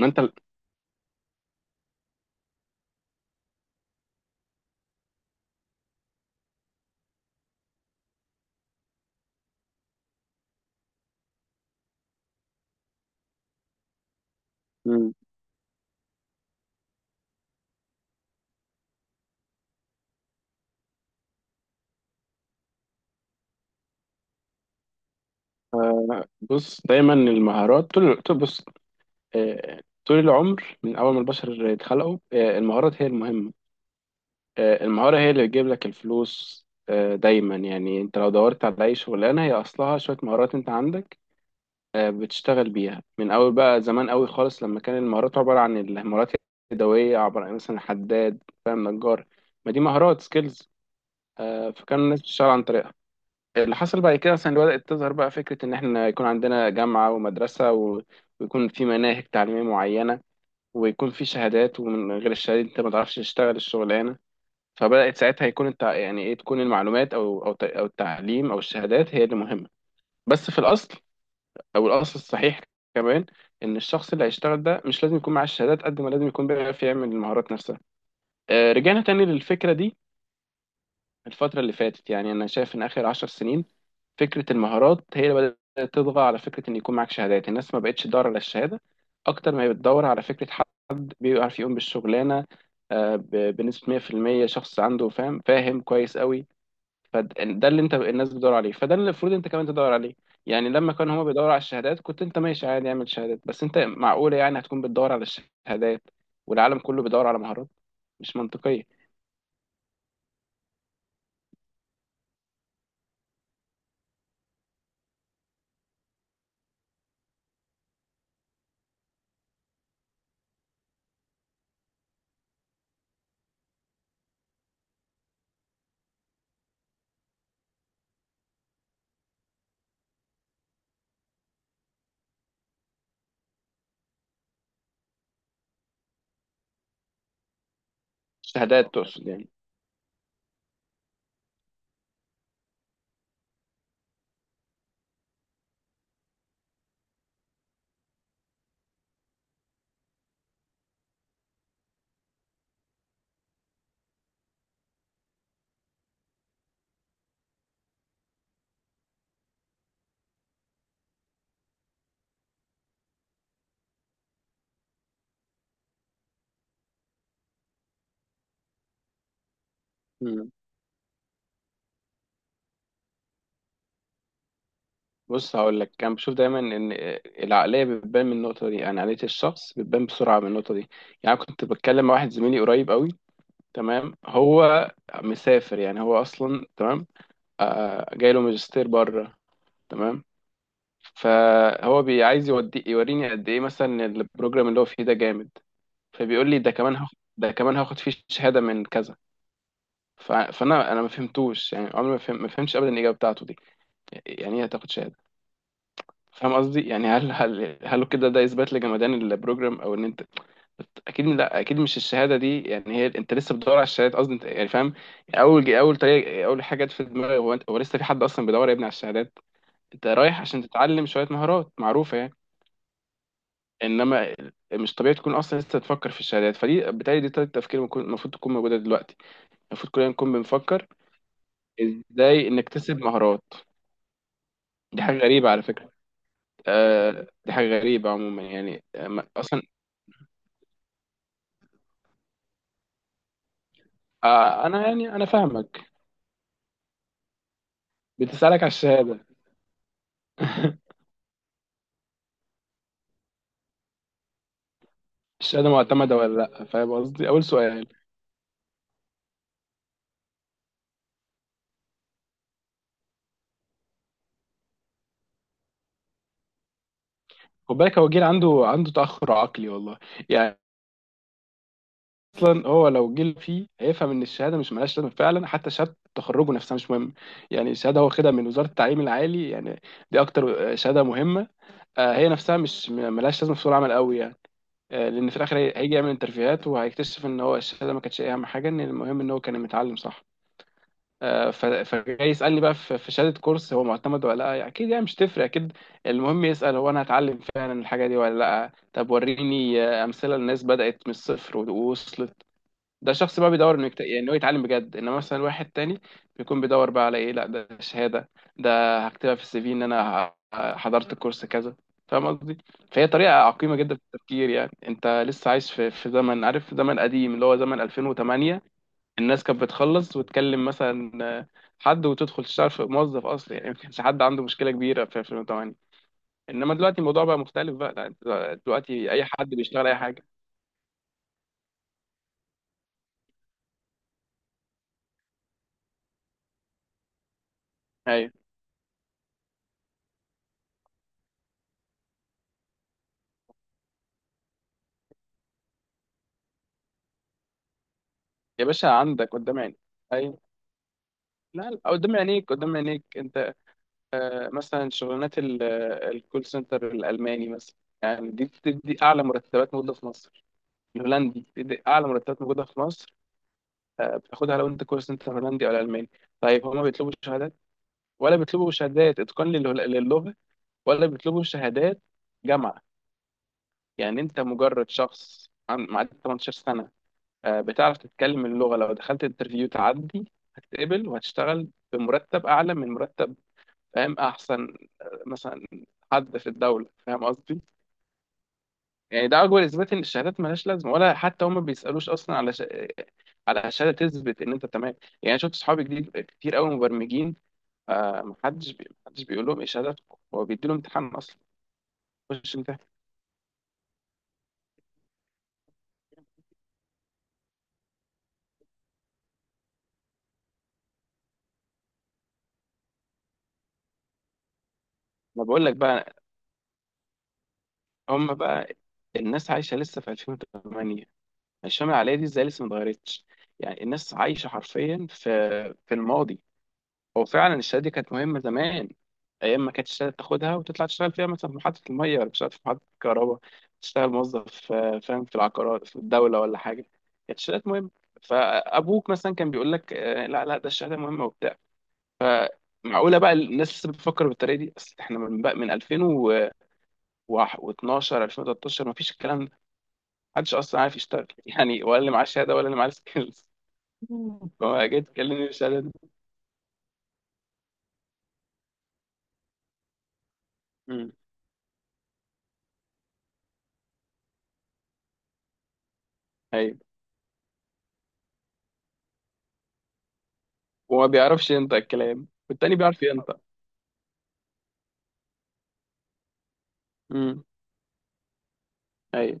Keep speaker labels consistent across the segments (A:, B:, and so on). A: ما انت ال- ال- آه، بص، دايما المهارات بص. طول العمر من اول ما البشر اتخلقوا، المهارات هي المهمه. المهاره هي اللي بتجيب لك الفلوس. دايما يعني انت لو دورت على اي شغلانه هي اصلها شويه مهارات انت عندك، بتشتغل بيها من اول. بقى زمان قوي خالص لما كان المهارات عباره عن المهارات اليدويه، عباره عن مثلا حداد، فاهم، نجار. ما دي مهارات، سكيلز. فكان الناس بتشتغل عن طريقها. اللي حصل بعد كده اصلا اللي بدأت تظهر بقى فكرة ان احنا يكون عندنا جامعة ومدرسة ويكون في مناهج تعليمية معينة، ويكون في شهادات، ومن غير الشهادة انت ما تعرفش تشتغل الشغلانة. فبدأت ساعتها يكون يعني ايه، تكون المعلومات او او التعليم او الشهادات هي اللي مهمة. بس في الاصل، او الاصل الصحيح كمان، ان الشخص اللي هيشتغل ده مش لازم يكون معاه الشهادات قد ما لازم يكون بيعرف يعمل المهارات نفسها. رجعنا تاني للفكرة دي. الفترة اللي فاتت يعني أنا شايف إن آخر 10 سنين فكرة المهارات هي اللي بدأت تطغى على فكرة إن يكون معاك شهادات. الناس ما بقتش تدور على الشهادة أكتر ما هي بتدور على فكرة حد بيعرف يقوم بالشغلانة. بنسبة 100% شخص عنده فاهم كويس قوي. فده اللي أنت الناس بتدور عليه، فده اللي المفروض أنت كمان تدور عليه. يعني لما كانوا هما بيدوروا على الشهادات كنت أنت ماشي عادي، اعمل شهادات. بس أنت، معقولة يعني هتكون بتدور على الشهادات والعالم كله بيدور على مهارات؟ مش منطقية. شهادات تقصد؟ يعني بص، هقول لك، كان بشوف دايما ان العقليه بتبان من النقطه دي، يعني عقليه الشخص بتبان بسرعه من النقطه دي. يعني كنت بتكلم مع واحد زميلي قريب قوي. تمام، هو مسافر يعني، هو اصلا تمام، جاي له ماجستير بره. تمام. فهو عايز يوريني قد ايه مثلا إن البروجرام اللي هو فيه ده جامد. فبيقول لي ده كمان هاخد، ده كمان هاخد فيه شهاده من كذا. فانا ما فهمتوش، يعني عمري ما فهم ما فهمتش ابدا الاجابه بتاعته دي. يعني ايه هتاخد شهاده؟ فاهم قصدي؟ يعني هل كده ده اثبات لجمدان البروجرام؟ او ان انت اكيد لا، اكيد مش الشهاده دي يعني هي. انت لسه بتدور على الشهادات قصدي انت، يعني فاهم؟ اول اول طريقه، اول حاجه جت في دماغي هو انت، هو لسه في حد اصلا بيدور يا ابني على الشهادات؟ انت رايح عشان تتعلم شويه مهارات معروفه يعني. انما مش طبيعي تكون اصلا لسه تفكر في الشهادات. فدي بالتالي دي طريقه تفكير المفروض تكون موجوده دلوقتي، المفروض كلنا نكون بنفكر ازاي نكتسب مهارات. دي حاجه غريبه على فكره. دي حاجه غريبه عموما يعني. آه، ما- اصلا آه انا يعني انا فاهمك. بتسالك على الشهاده. الشهاده معتمده ولا لا، فاهم قصدي؟ اول سؤال. خد بالك، هو جيل عنده تاخر عقلي والله، يعني اصلا. هو لو جيل فيه هيفهم ان الشهاده مش ملهاش لازمه، فعلا حتى شهاده تخرجه نفسها مش مهم. يعني الشهاده هو خدها من وزاره التعليم العالي يعني، دي اكتر شهاده مهمه، هي نفسها مش م- ملهاش لازمه في سوق العمل قوي يعني. لان في الاخر هيجي يعمل انترفيوهات وهيكتشف ان هو الشهاده ما كانتش اهم حاجه، ان المهم ان هو كان متعلم صح. فجاي يسألني بقى، في في شهادة كورس هو معتمد ولا لا؟ أكيد يعني مش تفرق أكيد. المهم يسأل هو، أنا هتعلم فعلا الحاجة دي ولا لا؟ طب وريني أمثلة للناس بدأت من الصفر ووصلت. ده شخص بقى بيدور إنه يعني إنه يتعلم بجد. إنما مثلا واحد تاني بيكون بيدور بقى على إيه؟ لا، ده شهادة، ده هكتبها في السي في إن أنا حضرت كورس كذا. فاهم قصدي؟ فهي طريقة عقيمة جدا في التفكير. يعني أنت لسه عايش في زمن، عارف، زمن قديم اللي هو زمن 2008. الناس كانت بتخلص وتكلم مثلا آه، حد وتدخل تشتغل في، موظف اصلا، يعني ما كانش حد عنده مشكله كبيره في 2008. انما دلوقتي الموضوع بقى مختلف، بقى لا، انت دلوقتي اي حد بيشتغل اي حاجه. ايوه. يا باشا، عندك قدام عينيك. ايوه. لا لا، قدام عينيك، قدام عينيك انت. مثلا شغلانات الكول سنتر الالماني مثلا، يعني دي بتدي اعلى مرتبات موجوده في مصر. الهولندي بتدي اعلى مرتبات موجوده في مصر. بتاخدها لو انت كول سنتر هولندي او الماني. طيب، هما بيطلبوا شهادات، ولا بيطلبوا شهادات اتقان للغه، ولا بيطلبوا شهادات جامعه؟ يعني انت مجرد شخص معدي 18 سنه، بتعرف تتكلم اللغه، لو دخلت انترفيو تعدي هتتقبل وهتشتغل بمرتب اعلى من مرتب فاهم احسن، مثلا، حد في الدوله، فاهم قصدي؟ يعني ده اكبر اثبات ان الشهادات ملهاش لازمه، ولا حتى هم اصلا على على شهاده تثبت ان انت تمام. يعني شفت صحابي جديد كتير قوي مبرمجين، آه، محدش بيقول لهم ايه شهادتكم، هو بيدي لهم امتحان اصلا. خش امتحان. ما بقول لك بقى. هم بقى، الناس عايشه لسه في 2008، الشمال العاليه دي ازاي لسه ما اتغيرتش؟ يعني الناس عايشه حرفيا في في الماضي. هو فعلا الشهاده دي كانت مهمه زمان، ايام ما كانت الشهاده تاخدها وتطلع تشتغل فيها مثلا في محطه الميه، ولا تشتغل في محطه الكهرباء، تشتغل موظف فاهم، في العقارات، في الدوله ولا حاجه. كانت الشهادات مهمه. فابوك مثلا كان بيقول لك لا لا، ده الشهاده مهمه وبتاع. فمعقوله بقى الناس لسه بتفكر بالطريقه دي؟ اصل احنا من بقى من 2012، 2013 ما فيش الكلام ده، محدش اصلا عارف يشتغل يعني، ولا اللي معاه شهاده ولا اللي معاه سكيلز. فما جيت تكلمني بالشهاده دي. امم. ايوه. وما بيعرفش ينطق الكلام، والتاني بيعرف ينطق. امم. ايوه.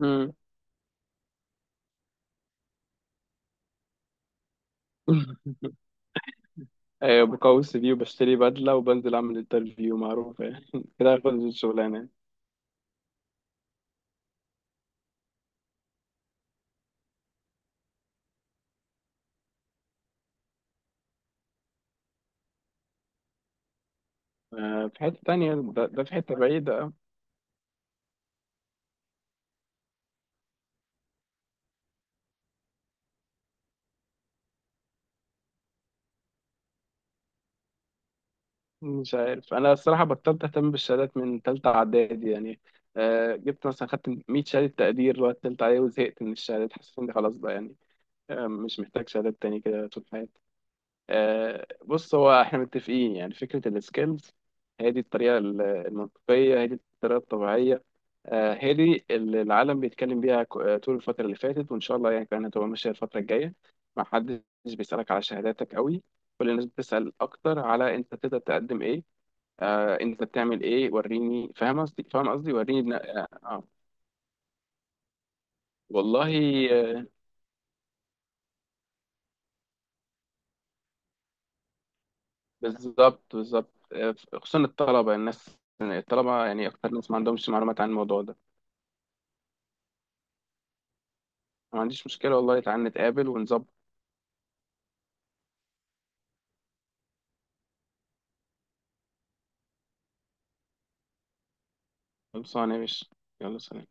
A: امم. ايوه، بقوي السي في وبشتري بدله وبنزل اعمل انترفيو، معروف يعني كده هاخد الشغلانه. في حته تانية، ده في حته بعيده. مش عارف، انا الصراحه بطلت اهتم بالشهادات من ثالثه اعدادي يعني، جبت مثلا، خدت 100 شهاده تقدير وقت ثالثه اعدادي وزهقت من الشهادات. حسيت اني خلاص بقى يعني، مش محتاج شهادات تاني كده طول حياتي. بص، هو احنا متفقين يعني، فكره السكيلز هي دي الطريقه المنطقيه، هي دي الطريقه الطبيعيه، هي دي اللي العالم بيتكلم بيها طول الفتره اللي فاتت، وان شاء الله يعني كمان هتبقى ماشيه الفتره الجايه. ما حدش بيسالك على شهاداتك قوي، كل الناس بتسال اكتر على انت تقدر تقدم ايه، آه، انت بتعمل ايه، وريني، فاهم قصدي؟ فاهم قصدي، وريني بن... آه, اه والله. آه. بالظبط، بالظبط، آه، خصوصا الطلبه، الناس الطلبه يعني اكتر ناس ما عندهمش معلومات عن الموضوع ده. ما عنديش مشكله والله، تعال نتقابل ونظبط. خلصانه يا باشا. يلا سلام.